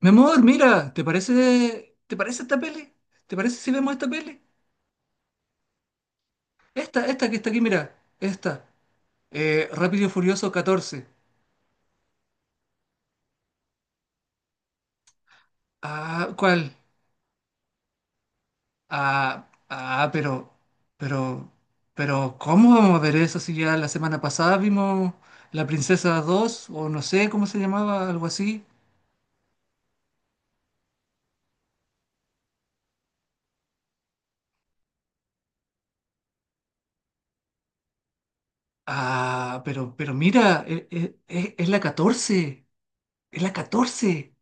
Mi amor, mira, ¿te parece esta peli? ¿Te parece si vemos esta peli? Esta que está aquí, mira, esta. ¿ Rápido y Furioso 14? Ah, ¿cuál? Ah, ah, pero, pero, ¿cómo vamos a ver eso si ya la semana pasada vimos La Princesa 2 o no sé cómo se llamaba, algo así? Ah, pero mira, es, la 14, es la 14.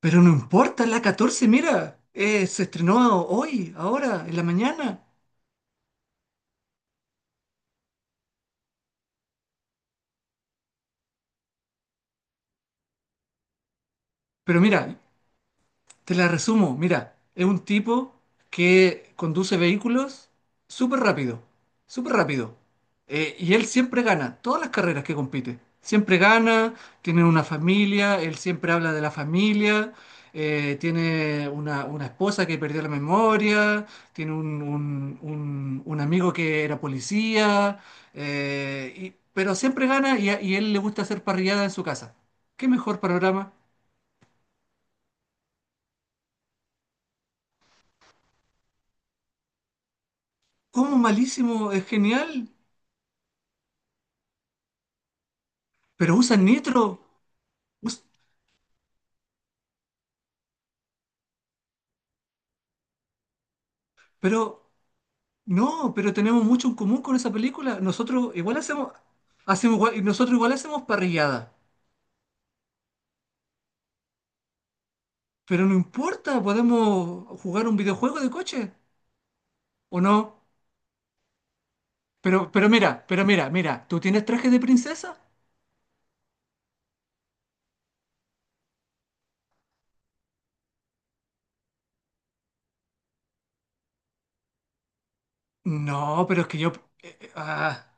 Pero no importa, es la 14, mira, se estrenó hoy, ahora, en la mañana. Pero mira, te la resumo, mira, es un tipo que conduce vehículos súper rápido, súper rápido. Y él siempre gana, todas las carreras que compite. Siempre gana, tiene una familia, él siempre habla de la familia, tiene una esposa que perdió la memoria, tiene un amigo que era policía, pero siempre gana y a y él le gusta hacer parrillada en su casa. ¿Qué mejor panorama? ¿Cómo malísimo? Es genial. Pero usan nitro. us- pero no, pero tenemos mucho en común con esa película. Nosotros igual hacemos, y nosotros igual hacemos parrillada. Pero no importa, podemos jugar un videojuego de coche o no. Pero mira, mira, ¿tú tienes traje de princesa? No, pero es que yo. eh, eh, ah,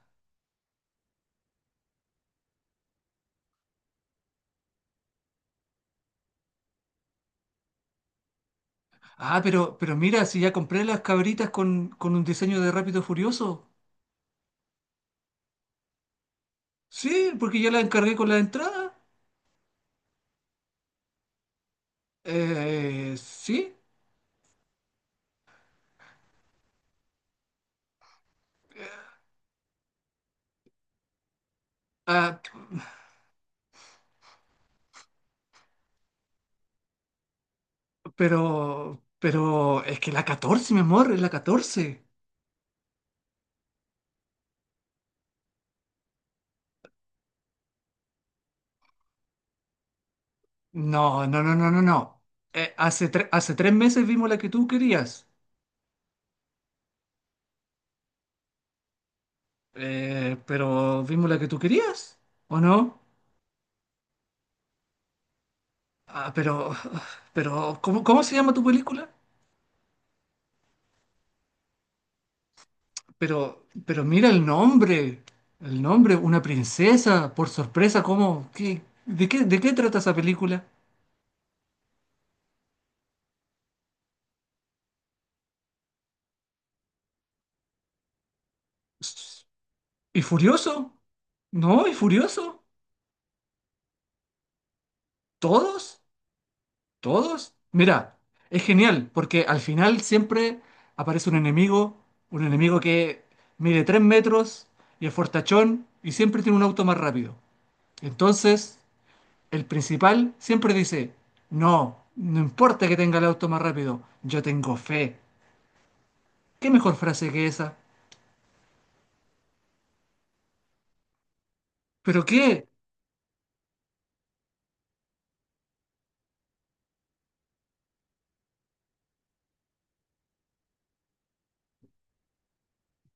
mira, si ya compré las cabritas con un diseño de Rápido y Furioso. Sí, porque ya las encargué con la entrada. Sí. Ah, pero es que la 14, mi amor, es la 14. No, no, no, no, no, no. Hace 3 meses vimos la que tú querías. Pero vimos la que tú querías, ¿o no? Ah, pero, ¿cómo se llama tu película? Pero mira el nombre. El nombre, una princesa, por sorpresa, ¿cómo? ¿Qué, de qué trata esa película? ¿Y Furioso? ¿No? ¿Y Furioso? ¿Todos? ¿Todos? Mira, es genial, porque al final siempre aparece un enemigo que mide 3 metros y es fortachón y siempre tiene un auto más rápido. Entonces, el principal siempre dice, no, no importa que tenga el auto más rápido, yo tengo fe. ¿Qué mejor frase que esa? ¿Pero qué?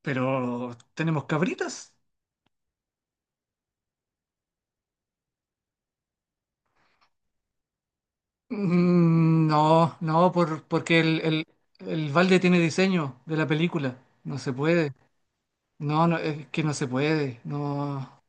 ¿Pero tenemos cabritas? No, no, porque el balde tiene diseño de la película, no se puede. No, no, es que no se puede. No,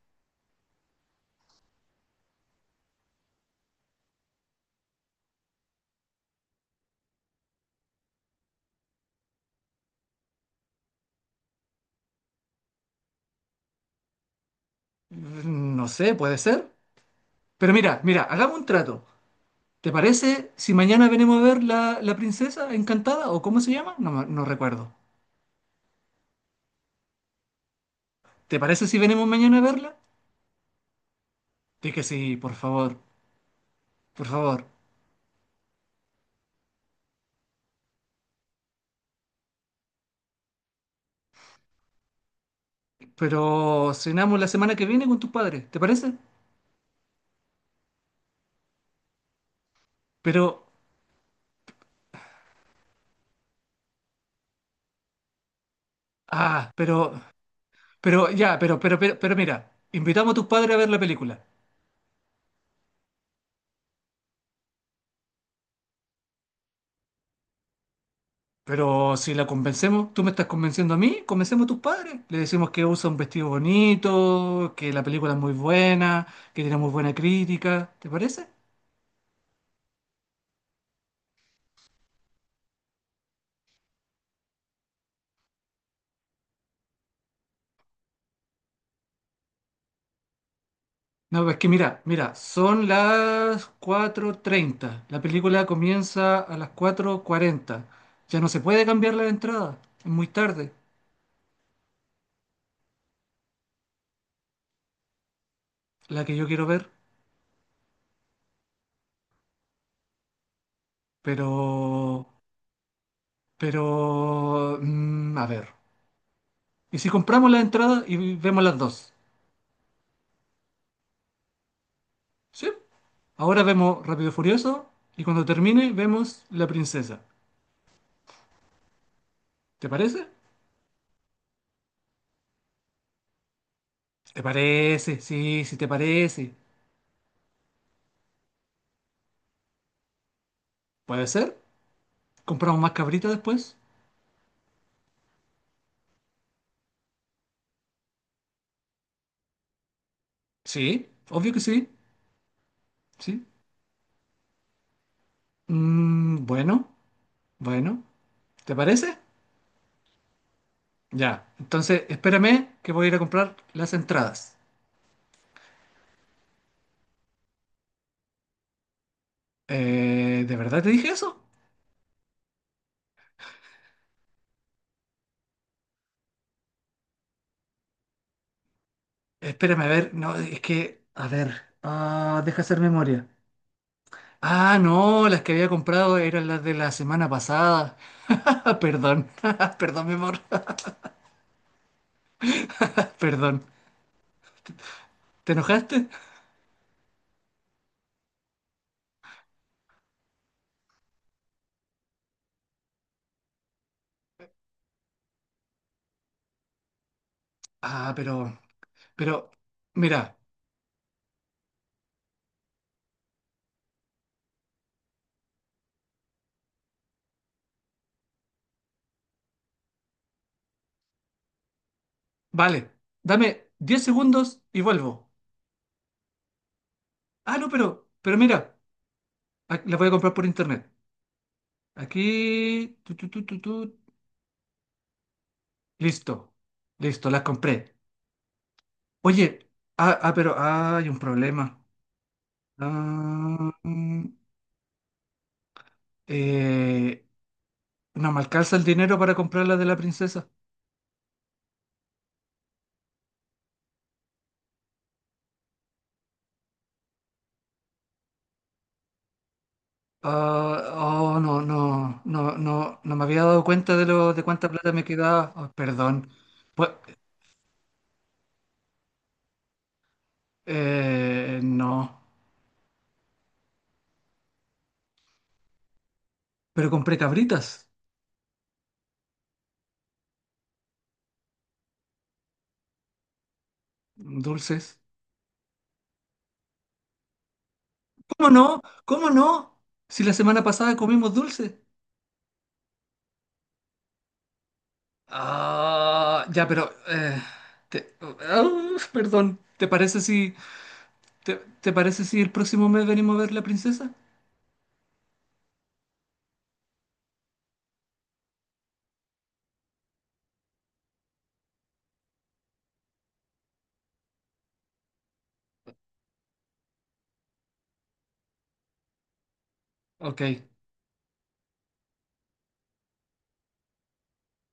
no sé, puede ser. Pero mira, mira, hagamos un trato. ¿Te parece si mañana venimos a ver la princesa encantada o cómo se llama? No, no recuerdo. ¿Te parece si venimos mañana a verla? Di que sí, por favor, por favor. Pero cenamos la semana que viene con tus padres, ¿te parece? Pero, ah, pero, pero, ya, mira, invitamos a tus padres a ver la película. Pero si la convencemos, tú me estás convenciendo a mí, convencemos a tus padres. Le decimos que usa un vestido bonito, que la película es muy buena, que tiene muy buena crítica. ¿Te parece? No, es que mira, son las 4:30. La película comienza a las 4:40. Ya no se puede cambiar la entrada. Es muy tarde, la que yo quiero ver. Pero, a ver. ¿Y si compramos la entrada y vemos las dos? ¿Sí? Ahora vemos Rápido y Furioso y cuando termine vemos La Princesa. ¿Te parece? ¿Te parece? Sí, sí te parece. ¿Puede ser? ¿Compramos más cabritas después? Sí, obvio que sí. Sí. Bueno, bueno. ¿Te parece? Ya. Entonces, espérame que voy a ir a comprar las entradas. ¿De verdad te dije eso? Espérame, a ver. No, es que, a ver. Deja hacer memoria. Ah, no, las que había comprado eran las de la semana pasada. Ah, perdón, perdón, mi amor, perdón. ¿Te enojaste? Ah, pero, mira, vale, dame 10 segundos y vuelvo. Ah, no, pero mira, la voy a comprar por internet. Aquí, tu, tu, tu, tu, tu. Listo, listo, la compré. Oye, pero, hay un problema. Ah, mm, eh, no me alcanza el dinero para comprar la de la princesa. Ah, oh, no, no, no, no, no me había dado cuenta de lo de cuánta plata me quedaba. Oh, perdón. Pues, no. Pero compré cabritas, dulces. ¿Cómo no? ¿Cómo no? Si la semana pasada comimos dulces. Ah, ya, pero te- perdón. ¿Te parece si te, el próximo mes venimos a ver la princesa? OK.